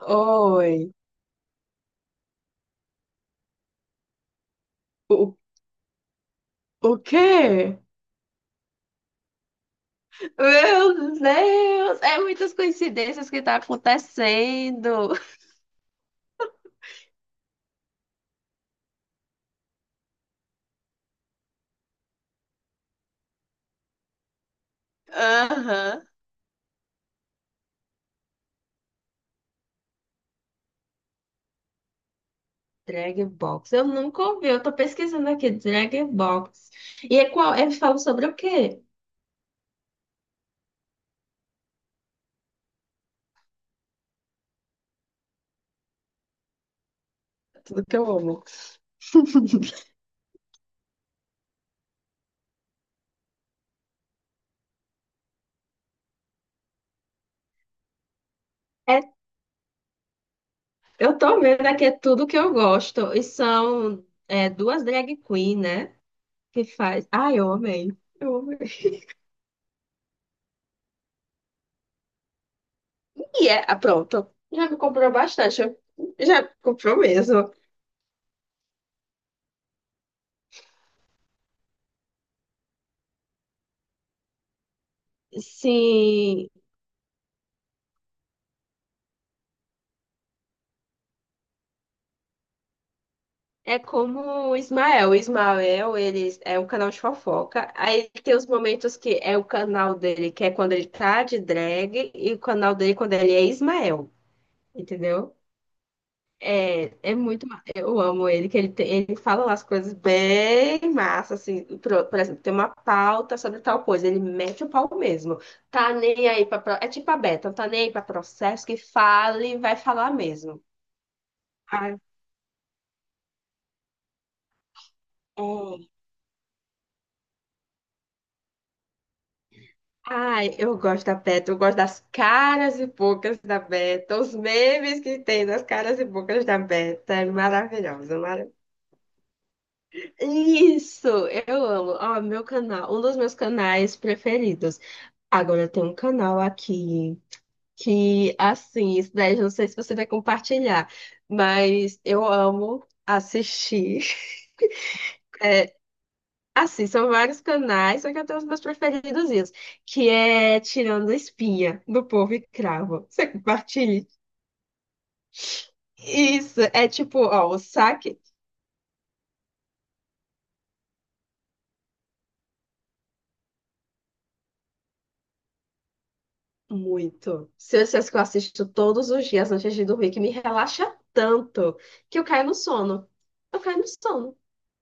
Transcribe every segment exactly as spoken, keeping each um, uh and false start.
Oi. O, o quê? Meu Deus, é muitas coincidências que tá acontecendo. Aham. Drag Box. Eu nunca ouvi, eu tô pesquisando aqui, Drag Box. E é qual? É, fala sobre o quê? Tudo que eu amo. É, eu tô vendo aqui, é tudo que eu gosto. E são é, duas drag queen, né? Que faz. Ah, eu amei. Eu amei. E é, ah, pronto. Já me comprou bastante. Já me comprou mesmo. Sim, é como o Ismael. O Ismael, ele é um canal de fofoca. Aí tem os momentos que é o canal dele, que é quando ele tá de drag, e o canal dele quando ele é Ismael, entendeu? É, é muito. ma- Eu amo ele, que ele, tem- ele fala umas coisas bem massa, assim. Por, por exemplo, tem uma pauta sobre tal coisa, ele mete o pau mesmo. Tá nem aí pra. pro- É tipo a Beta, não tá nem aí pra processo, que fala e vai falar mesmo. Ah, é. Ai, eu gosto da Beta, eu gosto das caras e bocas da Beta, os memes que tem das caras e bocas da Beta, é maravilhosa, mara- Isso, eu amo. Ó, meu canal, um dos meus canais preferidos. Agora tem um canal aqui que, assim, isso daí eu não sei se você vai compartilhar, mas eu amo assistir. Assim, são vários canais, só que eu tenho os meus preferidozinhos, que é Tirando a Espinha, do Povo e Cravo. Você compartilha? Isso, é tipo, ó, o saque, muito. Se eu dissesse que eu assisto todos os dias antes de dormir, que me relaxa tanto, que eu caio no sono. Eu caio no sono,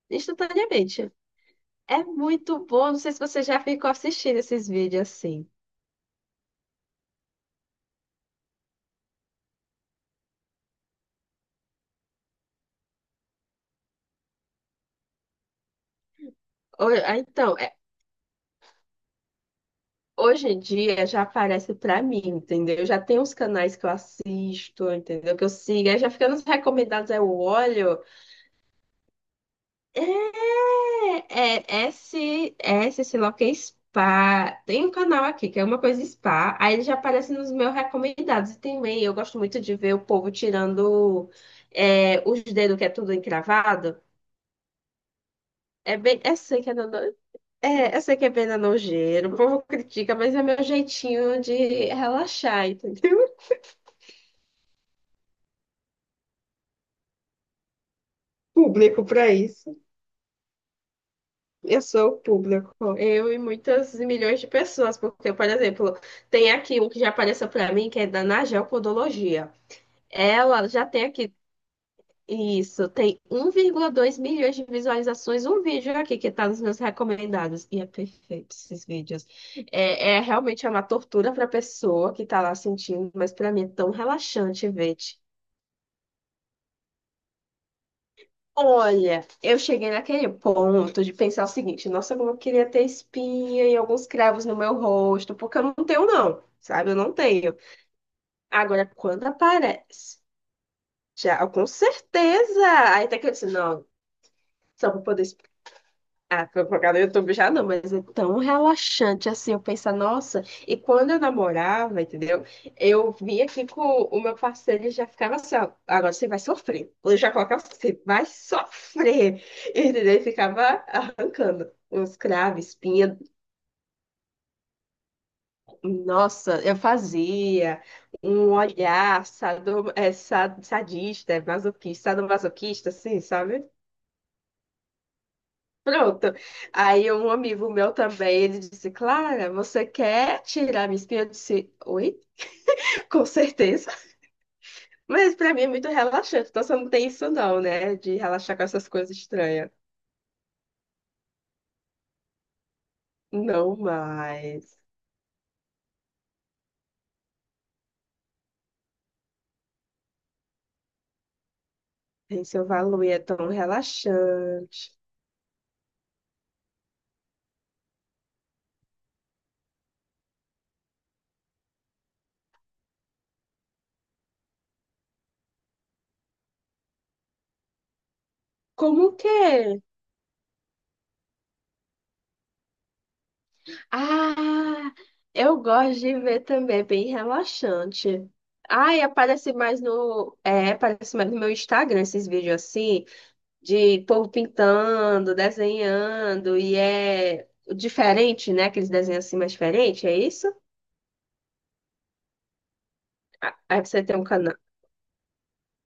instantaneamente. É muito bom, não sei se você já ficou assistindo esses vídeos assim. Ou- ah, Então, Hoje em dia já aparece pra mim, entendeu? Já tem uns canais que eu assisto, entendeu? Que eu sigo, aí já fica nos recomendados, aí eu olho. É, é é esse, é esse, sei lá o que, é spa. Tem um canal aqui que é uma coisa spa, aí ele já aparece nos meus recomendados. E também eu gosto muito de ver o povo tirando é, os dedos que é tudo encravado. É bem, eu sei que é, nono- é, eu sei que é bem nojeiro, o povo critica, mas é meu jeitinho de relaxar, público para isso. Eu sou o público, eu e muitas milhões de pessoas, porque, por exemplo, tem aqui um que já apareceu para mim, que é da Nagel Podologia. Ela já tem aqui isso, tem um vírgula dois milhões de visualizações, um vídeo aqui que está nos meus recomendados. E é perfeito esses vídeos. É, é realmente é uma tortura para a pessoa que está lá sentindo, mas para mim é tão relaxante ver. Olha, eu cheguei naquele ponto de pensar o seguinte, nossa, como eu queria ter espinha e alguns cravos no meu rosto, porque eu não tenho não, sabe? Eu não tenho. Agora, quando aparece, já, com certeza, aí até que eu disse, não, só para poder ah, fofocar no YouTube já não, mas é tão relaxante assim, eu penso, nossa, e quando eu namorava, entendeu? Eu vinha aqui com o meu parceiro e já ficava assim, ó, agora você vai sofrer. Eu já colocava, você vai sofrer, entendeu? E ficava arrancando uns cravos, espinha. Nossa, eu fazia um olhar sado, é, sa- sadista, masoquista, sadomasoquista, assim, sabe? Pronto. Aí um amigo meu também, ele disse, Clara, você quer tirar minha espinha? Eu disse, oi, com certeza. Mas pra mim é muito relaxante, então você não tem isso não, né? De relaxar com essas coisas estranhas. Não mais. Tem seu valor e é tão relaxante. Como o quê? Ah, eu gosto de ver também, é bem relaxante. Ai, aparece mais no, é, aparece mais no meu Instagram esses vídeos assim de povo pintando, desenhando, e é diferente, né? Aqueles desenhos assim mais diferentes, é isso? A- Aí você tem um canal.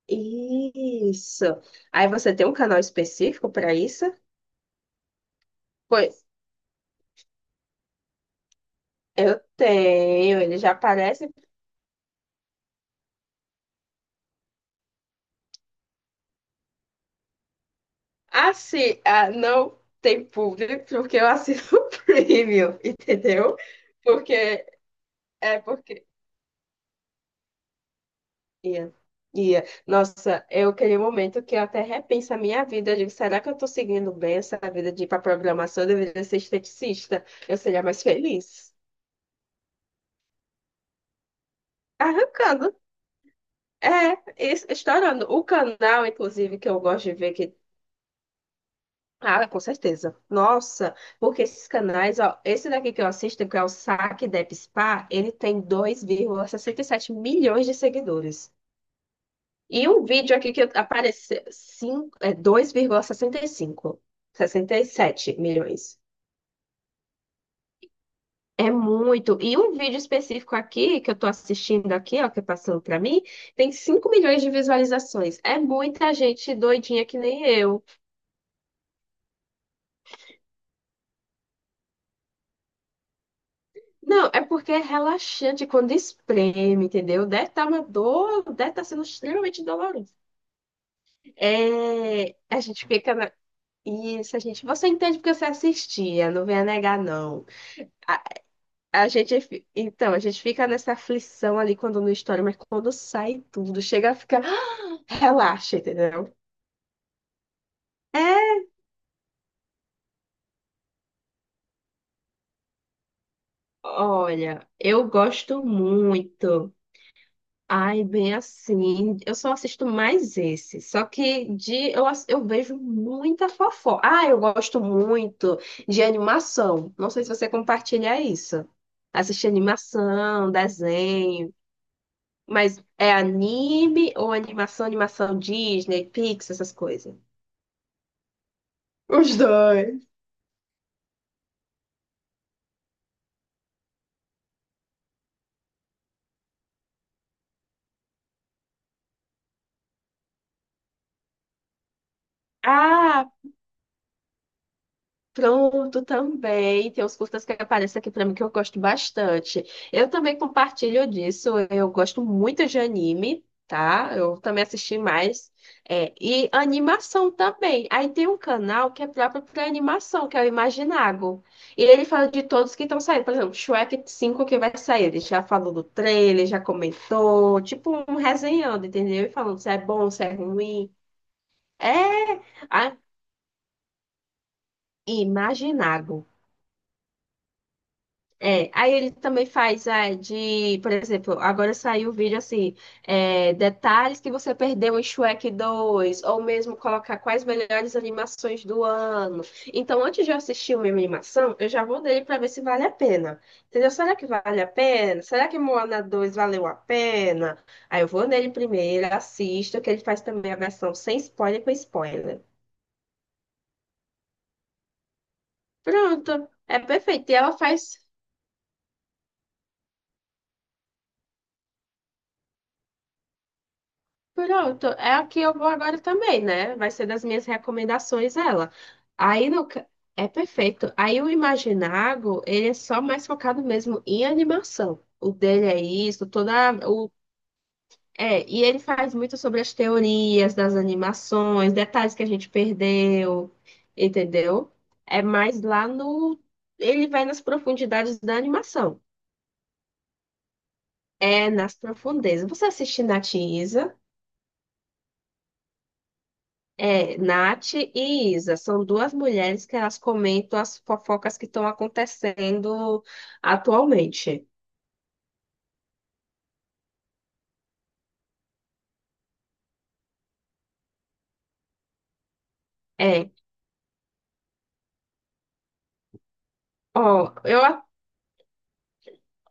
Isso. Aí você tem um canal específico para isso? Pois eu tenho, ele já aparece. Assim, ah, não tem público porque eu assino o premium, entendeu? Porque é porque Ia, ia. Nossa, é aquele momento que eu até repenso a minha vida. Eu digo, será que eu estou seguindo bem essa vida de ir para programação? Eu deveria ser esteticista. Eu seria mais feliz. Arrancando. É, es- estourando. O canal, inclusive, que eu gosto de ver que. Ah, com certeza. Nossa, porque esses canais, ó, esse daqui que eu assisto, que é o Saque Dep Spa, ele tem dois vírgula sessenta e sete milhões de seguidores. E um vídeo aqui que apareceu, cinco- é dois vírgula sessenta sessenta e cinco sessenta e sete milhões. É muito. E um vídeo específico aqui, que eu tô assistindo aqui, ó, que passou pra mim, tem cinco milhões de visualizações. É muita gente doidinha que nem eu. Não, é porque é relaxante quando espreme, entendeu? Deve estar uma dor, deve estar sendo extremamente doloroso. É, a gente fica na... Isso, a gente, você entende porque você assistia, não venha negar, não. A- A gente, fi- então, a gente fica nessa aflição ali quando não estoura, mas quando sai tudo, chega a ficar, relaxa, entendeu? Olha, eu gosto muito. Ai, bem assim, eu só assisto mais esse. Só que de eu, ass- eu vejo muita fofoca. Ah, eu gosto muito de animação. Não sei se você compartilha isso. Assistir animação, desenho, mas é anime ou animação, animação Disney, Pixar, essas coisas. Os dois. Ah, pronto, também. Tem uns curtas que aparecem aqui pra mim que eu gosto bastante. Eu também compartilho disso. Eu gosto muito de anime, tá? Eu também assisti mais. É, e animação também. Aí tem um canal que é próprio para animação, que é o Imaginago. E ele fala de todos que estão saindo. Por exemplo, Shrek cinco que vai sair. Ele já falou do trailer, já comentou. Tipo, um resenhando, entendeu? E falando se é bom, se é ruim. É. Imaginago. É, aí ele também faz é, de, por exemplo, agora saiu o vídeo assim, é, detalhes que você perdeu em Shrek dois, ou mesmo colocar quais melhores animações do ano. Então, antes de eu assistir uma animação, eu já vou nele para ver se vale a pena. Entendeu? Será que vale a pena? Será que Moana dois valeu a pena? Aí eu vou nele primeiro, assisto, que ele faz também a versão sem spoiler com spoiler. Pronto, é perfeito. E ela faz. Pronto, é a que eu vou agora também, né? Vai ser das minhas recomendações ela. Aí no... ca- é perfeito. Aí o Imaginago, ele é só mais focado mesmo em animação. O dele é isso, toda o é, e ele faz muito sobre as teorias das animações, detalhes que a gente perdeu, entendeu? É mais lá no ele vai nas profundidades da animação. É nas profundezas. Você assiste na É, Nath e Isa são duas mulheres que elas comentam as fofocas que estão acontecendo atualmente. É, ó, eu. a-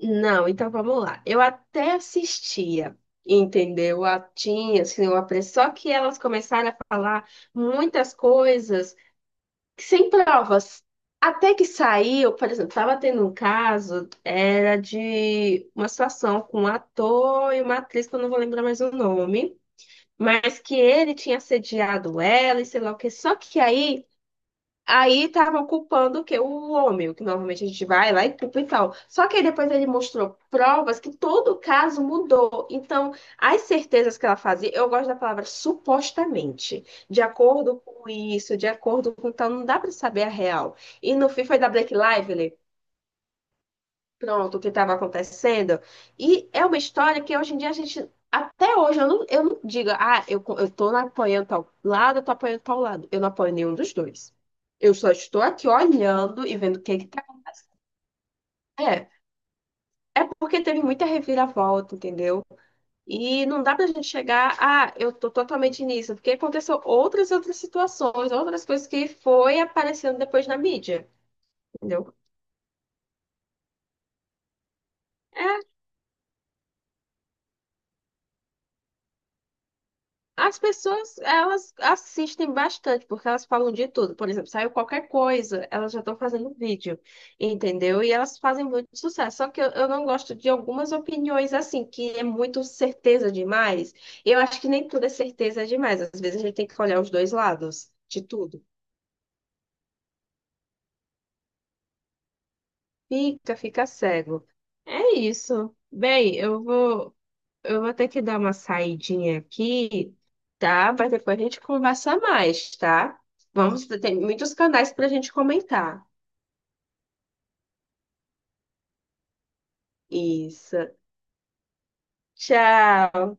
Não, então vamos lá. Eu até assistia, entendeu? A, tinha, assim, eu pre- só que elas começaram a falar muitas coisas que- sem provas. Até que saiu, por exemplo, estava tendo um caso, era de uma situação com um ator e uma atriz, que eu não vou lembrar mais o nome. Mas que ele tinha assediado ela e sei lá o que. Só que aí, aí estavam culpando o quê? O homem, o que normalmente a gente vai lá e culpa e tal. Só que aí depois ele mostrou provas que todo o caso mudou. Então, as certezas que ela fazia, eu gosto da palavra supostamente, de acordo com isso, de acordo com tal, não dá pra saber a real. E no fim foi da Black Lively. Pronto, o que estava acontecendo. E é uma história que hoje em dia a gente, até hoje, eu não, eu não digo, ah, eu, co- eu tô apoiando tal lado, eu tô apoiando tal lado. Eu não apoio nenhum dos dois. Eu só estou aqui olhando e vendo o que que tá. É, é porque teve muita reviravolta, entendeu? E não dá pra gente chegar, ah, eu tô totalmente nisso, porque aconteceu outras outras situações, outras coisas que foi aparecendo depois na mídia, entendeu? É, as pessoas, elas assistem bastante, porque elas falam de tudo. Por exemplo, saiu qualquer coisa, elas já estão fazendo vídeo, entendeu? E elas fazem muito sucesso. Só que eu, eu não gosto de algumas opiniões assim, que é muito certeza demais. Eu acho que nem tudo é certeza demais. Às vezes a gente tem que olhar os dois lados de tudo. Fica, fica cego. É isso. Bem, eu vou, eu vou ter que dar uma saidinha aqui, tá? Mas depois a gente conversa mais, tá? Vamos, tem muitos canais pra gente comentar. Isso. Tchau.